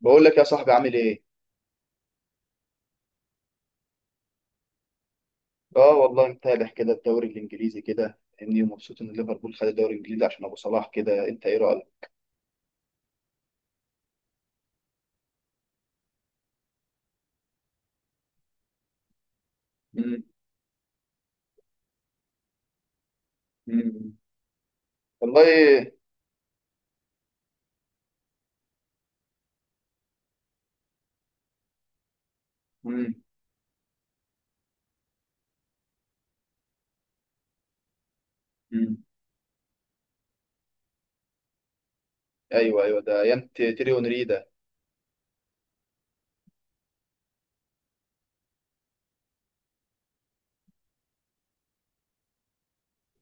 بقول لك يا صاحبي، عامل ايه؟ اه، والله متابع كده الدوري الانجليزي كده، اني مبسوط ان ليفربول خد الدوري الانجليزي عشان ابو صلاح كده. انت ايه رايك؟ مم. مم. والله. مم. مم. ايوه ايوه، ده ايام تيري اونري ده.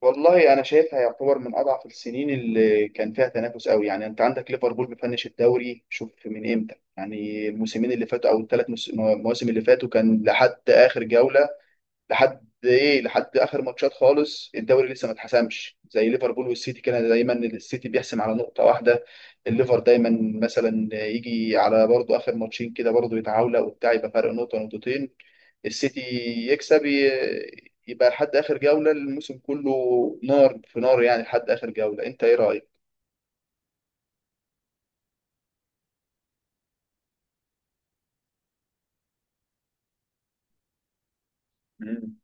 والله انا شايفها يعتبر من اضعف السنين اللي كان فيها تنافس قوي، يعني انت عندك ليفربول بيفنش الدوري. شوف من امتى، يعني الموسمين اللي فاتوا او الثلاث مواسم اللي فاتوا كان لحد اخر جوله، لحد ايه، لحد اخر ماتشات خالص. الدوري لسه ما اتحسمش، زي ليفربول والسيتي كده دايما السيتي بيحسم على نقطة واحدة، الليفر دايما مثلا يجي على برضه اخر ماتشين كده برضه يتعاوله وبتاع، يبقى فرق نقطة نقطتين، السيتي يكسب، يبقى لحد اخر جولة الموسم كله نار في نار، يعني لحد اخر جولة. انت ايه رأيك؟ مم.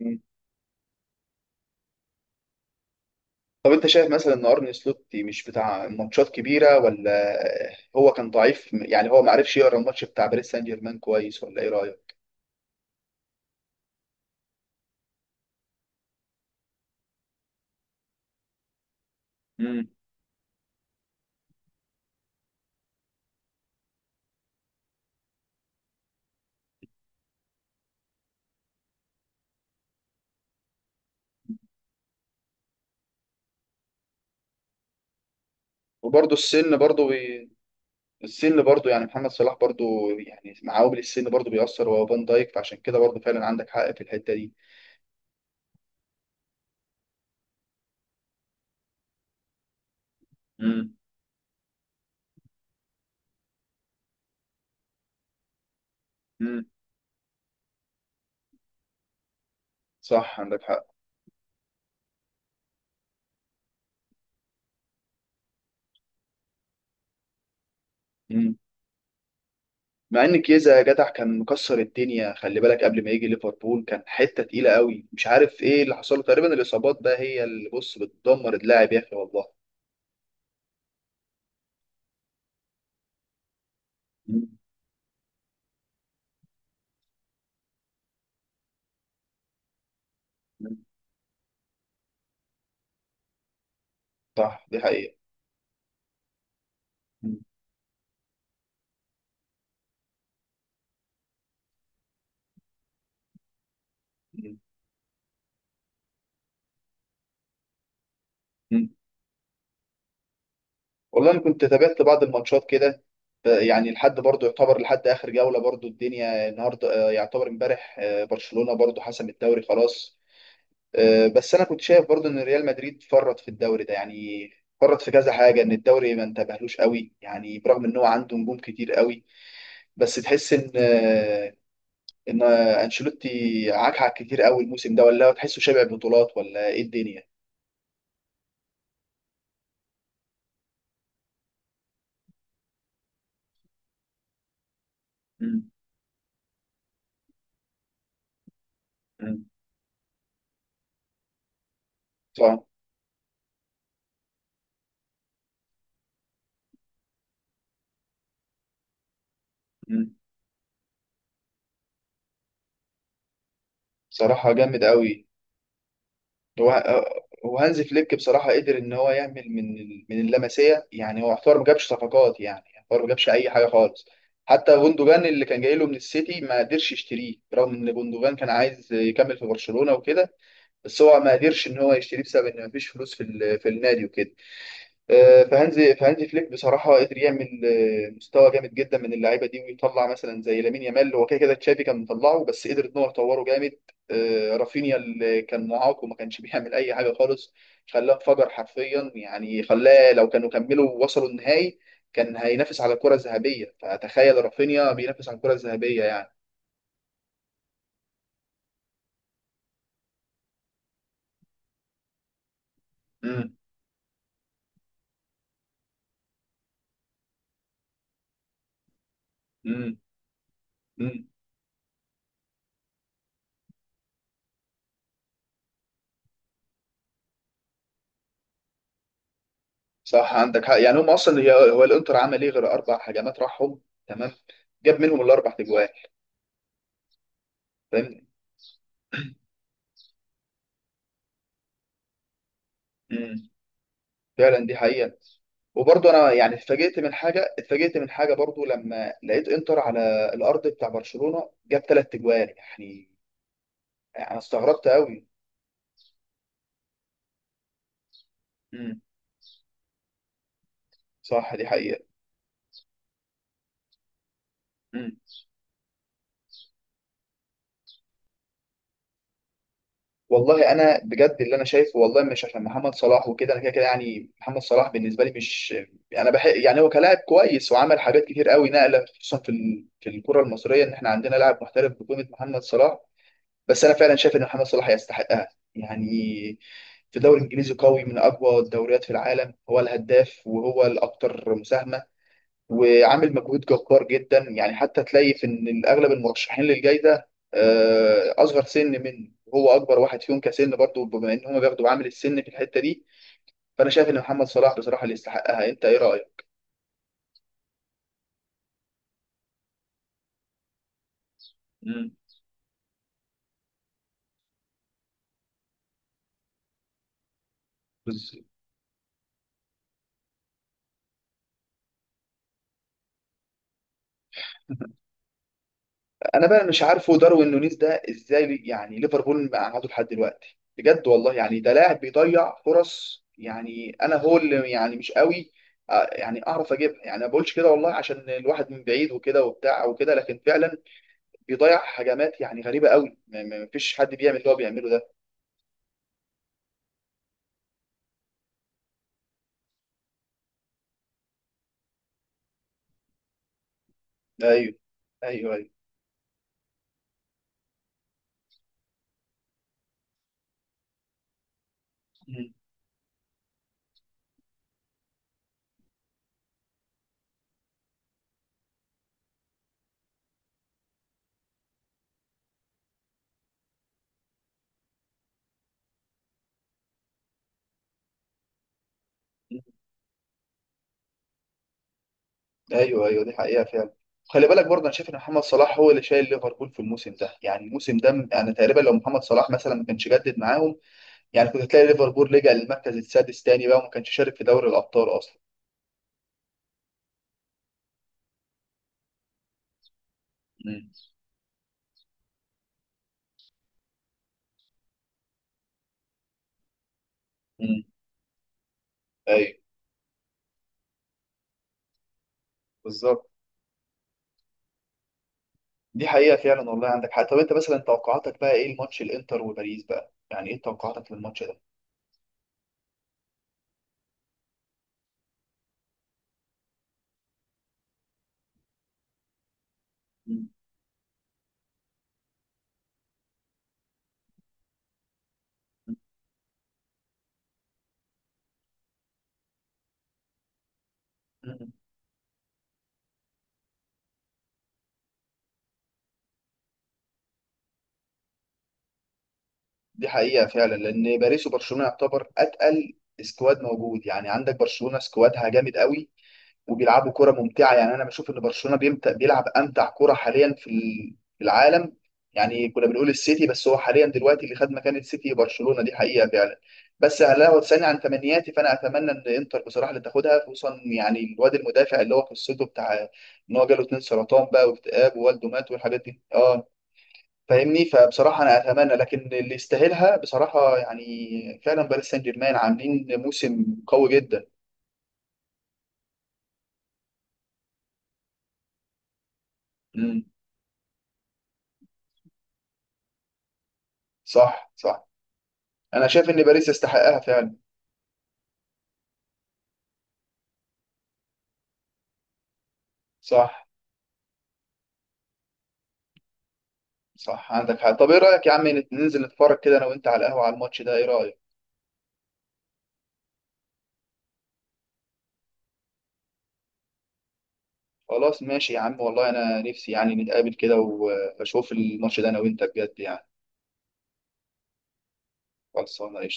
مم. طب انت شايف مثلا ان ارني سلوت مش بتاع ماتشات كبيره، ولا هو كان ضعيف؟ يعني هو ما عرفش يقرا الماتش بتاع باريس سان جيرمان كويس، ولا ايه رايك؟ مم. وبرضه السن برضه السن برضه، يعني محمد صلاح برضه، يعني مع عوامل السن برضه بيأثر وهو فان دايك، فعشان كده برضه فعلا عندك حق في الحته دي. مم. مم. صح، عندك حق. مم. مع ان كيزا يا جدع كان مكسر الدنيا، خلي بالك قبل ما يجي ليفربول كان حته تقيله قوي، مش عارف ايه اللي حصل له. تقريبا الاصابات بقى هي اللي، بص، بتدمر اللاعب يا اخي والله. صح، دي حقيقة. مم. مم. مم. والله أنا كنت تابعت بعض الماتشات كده، يعني لحد برضه يعتبر لحد آخر جولة برضه. الدنيا النهاردة، يعتبر امبارح، برشلونة برضه حسم الدوري خلاص. بس أنا كنت شايف برضه إن ريال مدريد فرط في الدوري ده، يعني فرط في كذا حاجة، إن الدوري ما انتبهلوش قوي يعني، برغم إن هو عنده نجوم كتير قوي. بس تحس إن، إن أنشيلوتي عكعك كتير قوي الموسم ده، ولا هو تحسه شبع بطولات ولا إيه الدنيا؟ مم. مم. صح. بصراحة جامد قوي. هو وهانز فليك بصراحة قدر إن هو يعمل من اللمسية، يعني هو يعتبر ما جابش صفقات، يعني يعتبر ما جابش أي حاجة خالص. حتى جوندوجان اللي كان جاي له من السيتي ما قدرش يشتريه، رغم إن جوندوجان كان عايز يكمل في برشلونة وكده، بس هو ما قدرش إن هو يشتريه بسبب إن ما فيش فلوس في النادي وكده. فهانزي فليك بصراحه قدر يعمل مستوى جامد جدا من اللعيبه دي، ويطلع مثلا زي لامين يامال. هو كده كده تشافي كان مطلعه، بس قدر ان هو يطوره جامد. رافينيا اللي كان معاق وما كانش بيعمل اي حاجه خالص خلاه انفجر حرفيا. يعني خلاه، لو كانوا كملوا وصلوا النهائي كان هينافس على الكره الذهبيه. فتخيل رافينيا بينافس على الكره الذهبيه يعني. امم. امم. امم. صح، عندك حق، يعني هم اصلا، هو الانتر عمل ايه غير اربع هجمات راحهم. تمام. جاب منهم الاربع تجوان. فاهم. امم. فعلا دي حقيقة. وبرضه انا، يعني اتفاجئت من حاجة برضه لما لقيت انتر على الارض بتاع برشلونة جاب ثلاث اجوال يعني. انا استغربت قوي. امم. صح، دي حقيقة. امم. والله انا بجد اللي انا شايفه، والله مش عشان محمد صلاح وكده، انا كده كده يعني محمد صلاح بالنسبة لي مش، انا بحق يعني هو كلاعب كويس وعمل حاجات كتير قوي، نقلة خصوصا في الكرة المصرية ان احنا عندنا لاعب محترف بقيمة محمد صلاح. بس انا فعلا شايف ان محمد صلاح يستحقها، يعني في دوري انجليزي قوي من اقوى الدوريات في العالم، هو الهداف وهو الاكثر مساهمه، وعامل مجهود جبار جدا. يعني حتى تلاقي في ان اغلب المرشحين للجائزه، اصغر سن منه، وهو اكبر واحد فيهم كسن برضه، بما ان هم بياخدوا عامل السن في الحته دي. فانا شايف ان محمد صلاح بصراحه اللي يستحقها. انت ايه رايك؟ مم. انا بقى مش عارفه داروين نونيز ده ازاي، يعني ليفربول مقعده لحد دلوقتي بجد والله، يعني ده لاعب بيضيع فرص، يعني انا، هو اللي يعني مش قوي. يعني اعرف اجيبها، يعني ما بقولش كده والله عشان الواحد من بعيد وكده وبتاع وكده، لكن فعلا بيضيع هجمات، يعني غريبه قوي. ما فيش حد بيعمل اللي هو بيعمله ده. ايوه. ايوه، ايوه. مم. مم. ايوه، ايوه، دي حقيقه فعلا. خلي بالك برضه انا شايف ان محمد صلاح هو اللي شايل ليفربول في الموسم ده. يعني الموسم ده انا تقريبا، لو محمد صلاح مثلا ما كانش جدد معاهم، يعني كنت تلاقي ليفربول لجأ للمركز السادس تاني بقى، وما كانش شارك في دوري الأبطال أصلا. مم. مم. أيوه، بالظبط، دي حقيقة فعلا، والله عندك حق. طب أنت مثلا توقعاتك بقى إيه الماتش الإنتر وباريس بقى؟ يعني إيه توقعاتك للماتش ده؟ مم. مم. دي حقيقة فعلا، لأن باريس وبرشلونة يعتبر أتقل سكواد موجود، يعني عندك برشلونة سكوادها جامد قوي وبيلعبوا كرة ممتعة. يعني أنا بشوف إن برشلونة بيلعب أمتع كرة حاليا في العالم. يعني كنا بنقول السيتي، بس هو حاليا دلوقتي اللي خد مكان السيتي برشلونة. دي حقيقة فعلا. بس لو تسألني عن تمنياتي، فأنا أتمنى إن إنتر بصراحة اللي تاخدها، خصوصا يعني الواد المدافع اللي هو قصته بتاع إن هو جاله اتنين سرطان بقى واكتئاب ووالده مات والحاجات دي، أه. فاهمني. فبصراحة أنا أتمنى، لكن اللي يستاهلها بصراحة، يعني فعلا باريس سان جيرمان عاملين موسم قوي جدا. امم. صح، صح. انا شايف ان باريس يستحقها فعلا. صح، صح، عندك حق. طب ايه رايك يا عم، ننزل نتفرج كده انا وانت على القهوه على الماتش ده، ايه رايك؟ خلاص ماشي يا عم، والله انا نفسي يعني نتقابل كده واشوف الماتش ده انا وانت بجد يعني. خلصانه قشطة.